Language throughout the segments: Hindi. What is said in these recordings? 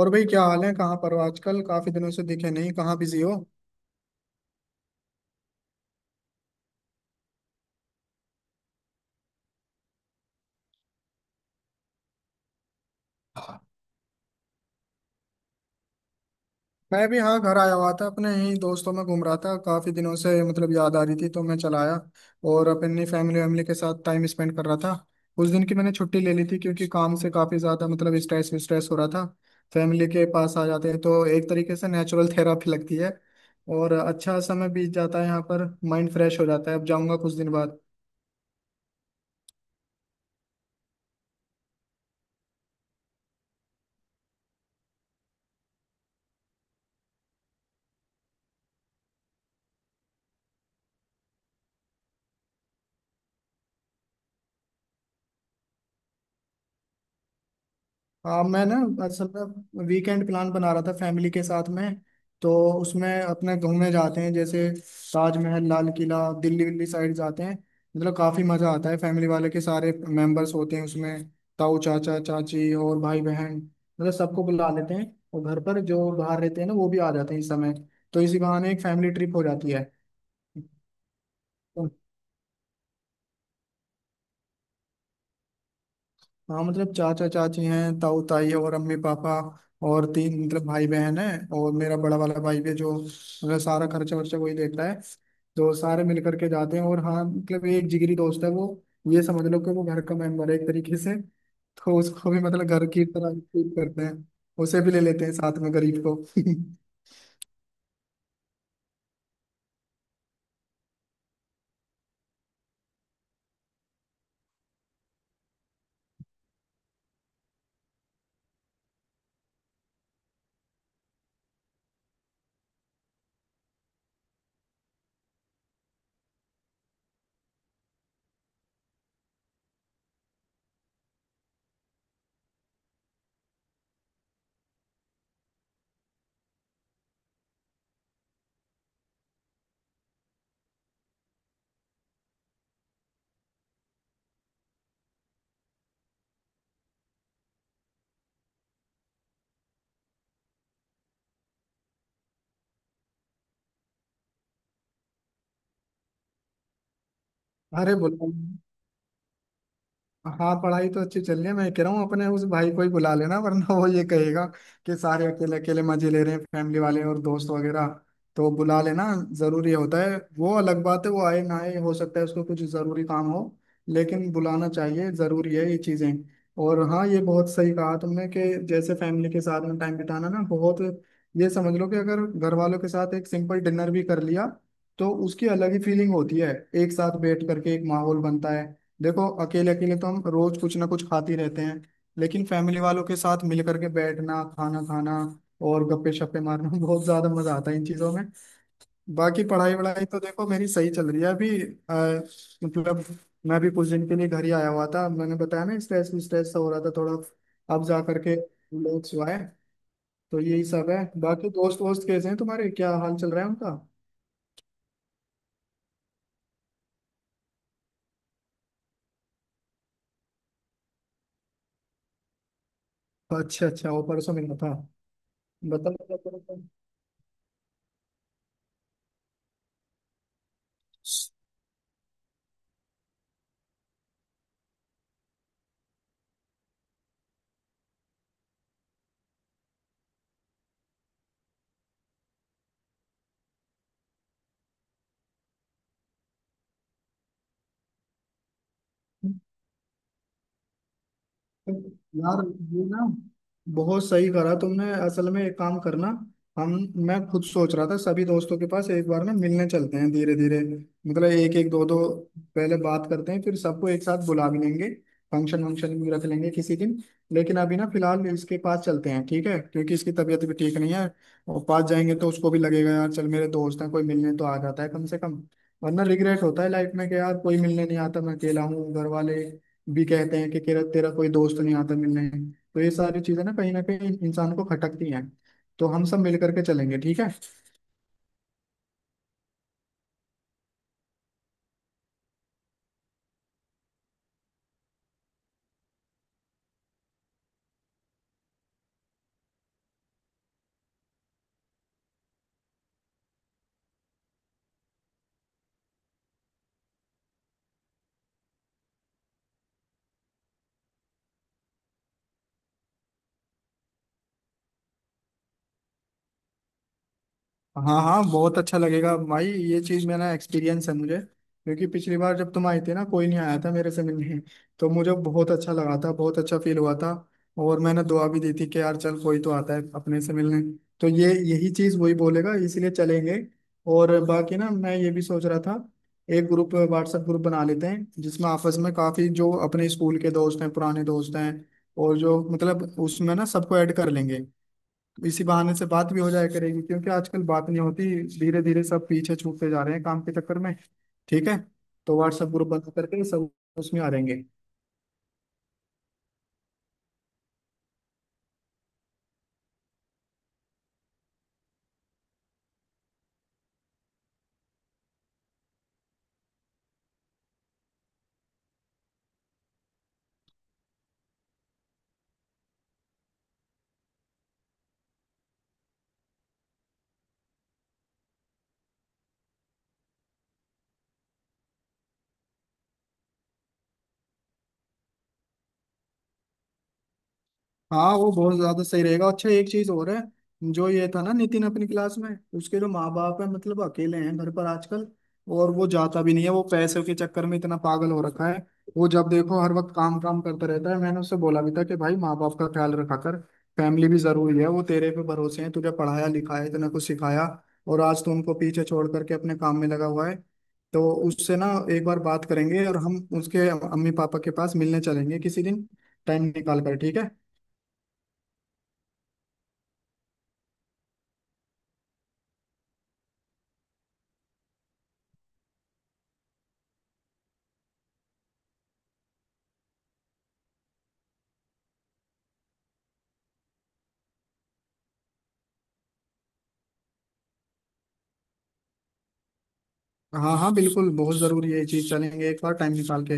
और भाई क्या हाल है। कहाँ पर हो आजकल? काफी दिनों से दिखे नहीं, कहाँ बिजी हो? मैं भी हाँ घर आया हुआ था, अपने ही दोस्तों में घूम रहा था। काफी दिनों से मतलब याद आ रही थी तो मैं चला आया और अपनी फैमिली वैमिली के साथ टाइम स्पेंड कर रहा था। उस दिन की मैंने छुट्टी ले ली थी क्योंकि काम से काफी ज्यादा मतलब स्ट्रेस स्ट्रेस हो रहा था। फैमिली के पास आ जाते हैं तो एक तरीके से नेचुरल थेरापी लगती है और अच्छा समय बीत जाता है, यहाँ पर माइंड फ्रेश हो जाता है। अब जाऊँगा कुछ दिन बाद। हाँ मैं ना असल में वीकेंड प्लान बना रहा था फैमिली के साथ में। तो उसमें अपने घूमने जाते हैं, जैसे ताजमहल, लाल किला, दिल्ली विल्ली साइड जाते हैं। मतलब काफ़ी मज़ा आता है, फैमिली वाले के सारे मेंबर्स होते हैं उसमें। ताऊ, चाचा, चाची और भाई बहन, मतलब सबको बुला लेते हैं। और घर पर जो बाहर रहते हैं ना, वो भी आ जाते हैं इस समय। तो इसी बहाने एक फैमिली ट्रिप हो जाती है। हाँ मतलब चाचा चाची हैं, ताऊ ताई और अम्मी पापा, और तीन मतलब भाई बहन हैं। और मेरा बड़ा वाला भाई भी है जो मतलब सारा खर्चा वर्चा वही देता है। तो सारे मिल करके जाते हैं। और हाँ मतलब एक जिगरी दोस्त है वो, ये समझ लो कि वो घर का मेंबर है एक तरीके से, तो उसको भी मतलब घर की तरह ट्रीट करते हैं। उसे भी ले लेते हैं साथ में गरीब को। अरे बोलो। हाँ पढ़ाई तो अच्छी चल रही है। मैं कह रहा हूँ अपने उस भाई को ही बुला लेना, वरना वो ये कहेगा कि सारे अकेले अकेले मजे ले रहे हैं फैमिली वाले और दोस्त वगैरह। तो बुला लेना जरूरी होता है। वो अलग बात है वो आए ना आए, हो सकता है उसको कुछ जरूरी काम हो, लेकिन बुलाना चाहिए, जरूरी है ये चीजें। और हाँ ये बहुत सही कहा तुमने कि जैसे फैमिली के साथ में टाइम बिताना ना बहुत, ये समझ लो कि अगर घर वालों के साथ एक सिंपल डिनर भी कर लिया तो उसकी अलग ही फीलिंग होती है। एक साथ बैठ करके एक माहौल बनता है। देखो अकेले अकेले तो हम रोज कुछ ना कुछ खाते ही रहते हैं, लेकिन फैमिली वालों के साथ मिल करके बैठना, खाना खाना और गप्पे शप्पे मारना बहुत ज्यादा मजा आता है इन चीजों में। बाकी पढ़ाई वढ़ाई तो देखो मेरी सही चल रही है अभी। मतलब मैं भी कुछ दिन के लिए घर ही आया हुआ था, मैंने बताया ना स्ट्रेस स्ट्रेस सा हो रहा था थोड़ा। अब जा करके रिलैक्स हुआ है। तो यही सब है। बाकी दोस्त वोस्त कैसे हैं तुम्हारे, क्या हाल चल रहा है उनका? अच्छा अच्छा वो परसों मिला था? बताओ क्या कर रहे थे? यार ये ना बहुत सही करा तुमने, असल में एक काम करना। हम मैं खुद सोच रहा था सभी दोस्तों के पास एक बार में मिलने चलते हैं धीरे धीरे। मतलब एक एक, दो दो पहले बात करते हैं, फिर सबको एक साथ बुला भी लेंगे, फंक्शन वंक्शन भी रख लेंगे किसी दिन। लेकिन अभी ना फिलहाल इसके पास चलते हैं, ठीक है, क्योंकि इसकी तबीयत भी ठीक नहीं है। और पास जाएंगे तो उसको भी लगेगा यार चल मेरे दोस्त हैं, कोई मिलने तो आ जाता है कम से कम। वरना रिग्रेट होता है लाइफ में कि यार कोई मिलने नहीं आता, मैं अकेला हूँ, घर वाले भी कहते हैं कि तेरा तेरा कोई दोस्त नहीं आता मिलने। तो ये सारी चीजें ना कहीं इंसान को खटकती हैं। तो हम सब मिल करके चलेंगे, ठीक है। हाँ हाँ बहुत अच्छा लगेगा भाई। ये चीज मेरा एक्सपीरियंस है मुझे, क्योंकि पिछली बार जब तुम आई थी ना कोई नहीं आया था मेरे से मिलने, तो मुझे बहुत अच्छा लगा था, बहुत अच्छा फील हुआ था। और मैंने दुआ भी दी थी कि यार चल कोई तो आता है अपने से मिलने। तो ये यही चीज वही बोलेगा, इसलिए चलेंगे। और बाकी ना मैं ये भी सोच रहा था एक ग्रुप, व्हाट्सएप ग्रुप बना लेते हैं जिसमें आपस में काफी जो अपने स्कूल के दोस्त हैं, पुराने दोस्त हैं, और जो मतलब उसमें ना सबको ऐड कर लेंगे। इसी बहाने से बात भी हो जाया करेगी क्योंकि आजकल बात नहीं होती, धीरे धीरे सब पीछे छूटते जा रहे हैं काम के चक्कर में, ठीक है। तो व्हाट्सएप ग्रुप बना करके सब उसमें आ जाएंगे। हाँ वो बहुत ज्यादा सही रहेगा। अच्छा एक चीज और है, जो ये था ना नितिन अपनी क्लास में, उसके जो माँ बाप है मतलब अकेले हैं घर पर आजकल, और वो जाता भी नहीं है, वो पैसों के चक्कर में इतना पागल हो रखा है। वो जब देखो हर वक्त काम काम करता रहता है। मैंने उससे बोला भी था कि भाई माँ बाप का ख्याल रखा कर, फैमिली भी जरूरी है, वो तेरे पे भरोसे हैं, तुझे पढ़ाया लिखाया इतना कुछ सिखाया, और आज तू उनको पीछे छोड़ करके अपने काम में लगा हुआ है। तो उससे ना एक बार बात करेंगे और हम उसके अम्मी पापा के पास मिलने चलेंगे किसी दिन टाइम निकाल कर, ठीक है। हाँ हाँ बिल्कुल बहुत जरूरी है ये चीज, चलेंगे एक बार टाइम निकाल के।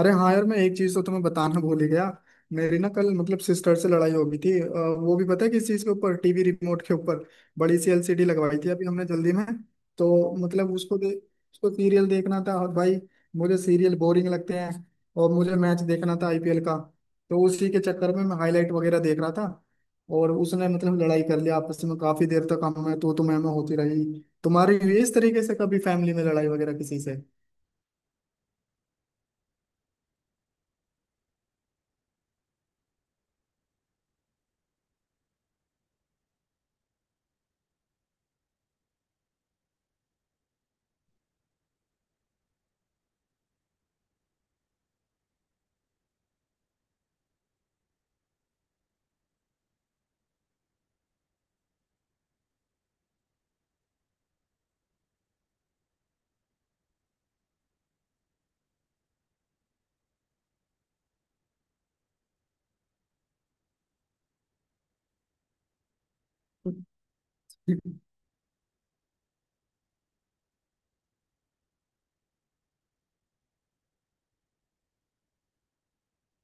अरे हाँ यार मैं एक चीज तो तुम्हें बताना भूल ही गया। मेरी ना कल मतलब सिस्टर से लड़ाई हो गई थी। वो भी पता है किस चीज के ऊपर? टीवी रिमोट के ऊपर। बड़ी सी एलसीडी लगवाई थी अभी हमने जल्दी में, तो मतलब उसको सीरियल देखना था, और भाई मुझे सीरियल बोरिंग लगते हैं, और मुझे मैच देखना था आईपीएल का। तो उसी के चक्कर में मैं हाईलाइट वगैरह देख रहा था, और उसने मतलब लड़ाई कर लिया आपस में। काफी देर तक हमें तो मैं होती रही। तुम्हारी हुई है इस तरीके से कभी फैमिली में लड़ाई वगैरह किसी से?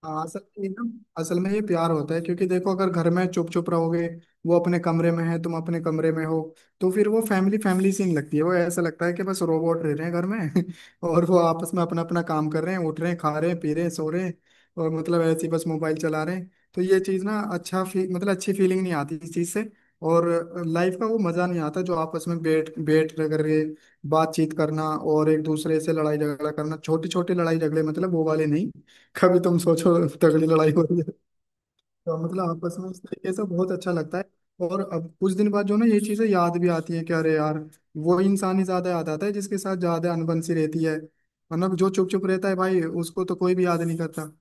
हाँ असल में ये ना, असल में ये प्यार होता है। क्योंकि देखो अगर घर में चुप चुप रहोगे, वो अपने कमरे में है, तुम अपने कमरे में हो, तो फिर वो फैमिली फैमिली सीन लगती है, वो ऐसा लगता है कि बस रोबोट रह रहे हैं घर में और वो आपस में अपना अपना काम कर रहे हैं, उठ रहे हैं, खा रहे हैं, पी रहे हैं, सो रहे हैं, और मतलब ऐसे ही बस मोबाइल चला रहे हैं। तो ये चीज़ ना अच्छा मतलब अच्छी फीलिंग नहीं आती इस चीज़ से। और लाइफ का वो मज़ा नहीं आता जो आपस में बैठ बैठ करके बातचीत करना, और एक दूसरे से लड़ाई झगड़ा करना, छोटी छोटी लड़ाई झगड़े, मतलब वो वाले नहीं, कभी तुम सोचो तगड़ी लड़ाई हो रही है। तो मतलब आपस में इस तरीके से बहुत अच्छा लगता है। और अब कुछ दिन बाद जो ना ये चीजें याद भी आती है कि अरे यार, वो इंसान ही ज्यादा याद आता है जिसके साथ ज्यादा अनबन सी रहती है। मतलब जो चुप चुप रहता है भाई उसको तो कोई भी याद नहीं करता।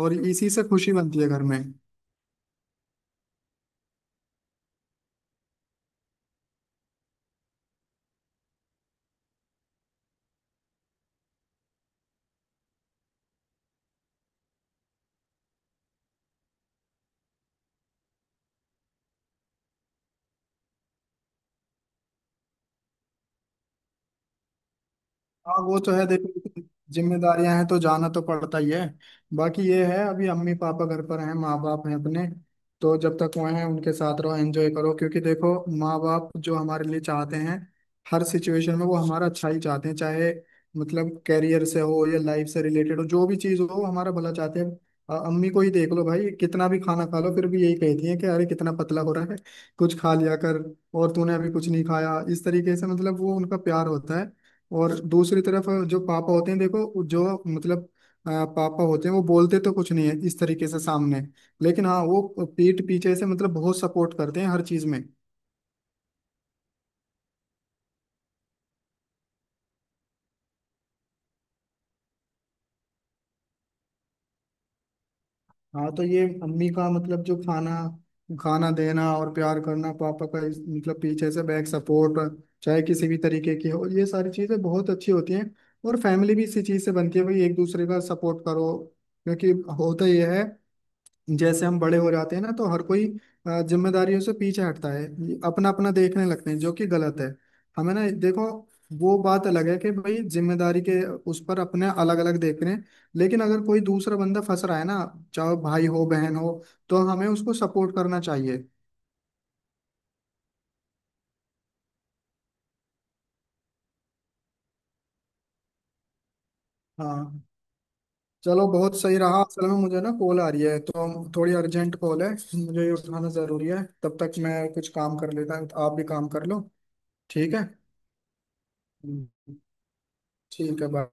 और इसी से खुशी बनती है घर में। हाँ वो तो है देखो, जिम्मेदारियां हैं तो जाना तो पड़ता ही है। बाकी ये है अभी अम्मी पापा घर पर हैं, माँ बाप हैं अपने, तो जब तक वो हैं उनके साथ रहो, एंजॉय करो। क्योंकि देखो माँ बाप जो हमारे लिए चाहते हैं, हर सिचुएशन में वो हमारा अच्छा ही चाहते हैं, चाहे मतलब कैरियर से हो या लाइफ से रिलेटेड हो, जो भी चीज़ हो वो हमारा भला चाहते हैं। अम्मी को ही देख लो भाई, कितना भी खाना खा लो फिर भी यही कहती है कि अरे कितना पतला हो रहा है, कुछ खा लिया कर, और तूने अभी कुछ नहीं खाया। इस तरीके से मतलब वो उनका प्यार होता है। और दूसरी तरफ जो पापा होते हैं देखो, पापा होते हैं वो बोलते तो कुछ नहीं है इस तरीके से सामने, लेकिन हाँ वो पीठ पीछे से मतलब बहुत सपोर्ट करते हैं हर चीज में। हाँ तो ये अम्मी का मतलब जो खाना खाना देना और प्यार करना, पापा का मतलब पीछे से बैक सपोर्ट, चाहे किसी भी तरीके की हो, ये सारी चीजें बहुत अच्छी होती हैं। और फैमिली भी इसी चीज से बनती है भाई, एक दूसरे का सपोर्ट करो। क्योंकि होता यह है जैसे हम बड़े हो जाते हैं ना तो हर कोई जिम्मेदारियों से पीछे हटता है, अपना अपना देखने लगते हैं, जो कि गलत है। हमें ना देखो, वो बात अलग है कि भाई जिम्मेदारी के उस पर अपने अलग अलग देख रहे हैं, लेकिन अगर कोई दूसरा बंदा फंस रहा है ना, चाहे भाई हो बहन हो, तो हमें उसको सपोर्ट करना चाहिए। हाँ चलो बहुत सही रहा। असल में मुझे ना कॉल आ रही है तो थोड़ी अर्जेंट कॉल है, मुझे ये उठाना जरूरी है। तब तक मैं कुछ काम कर लेता हूँ, आप भी काम कर लो, ठीक है। हम्म, ठीक है बाय।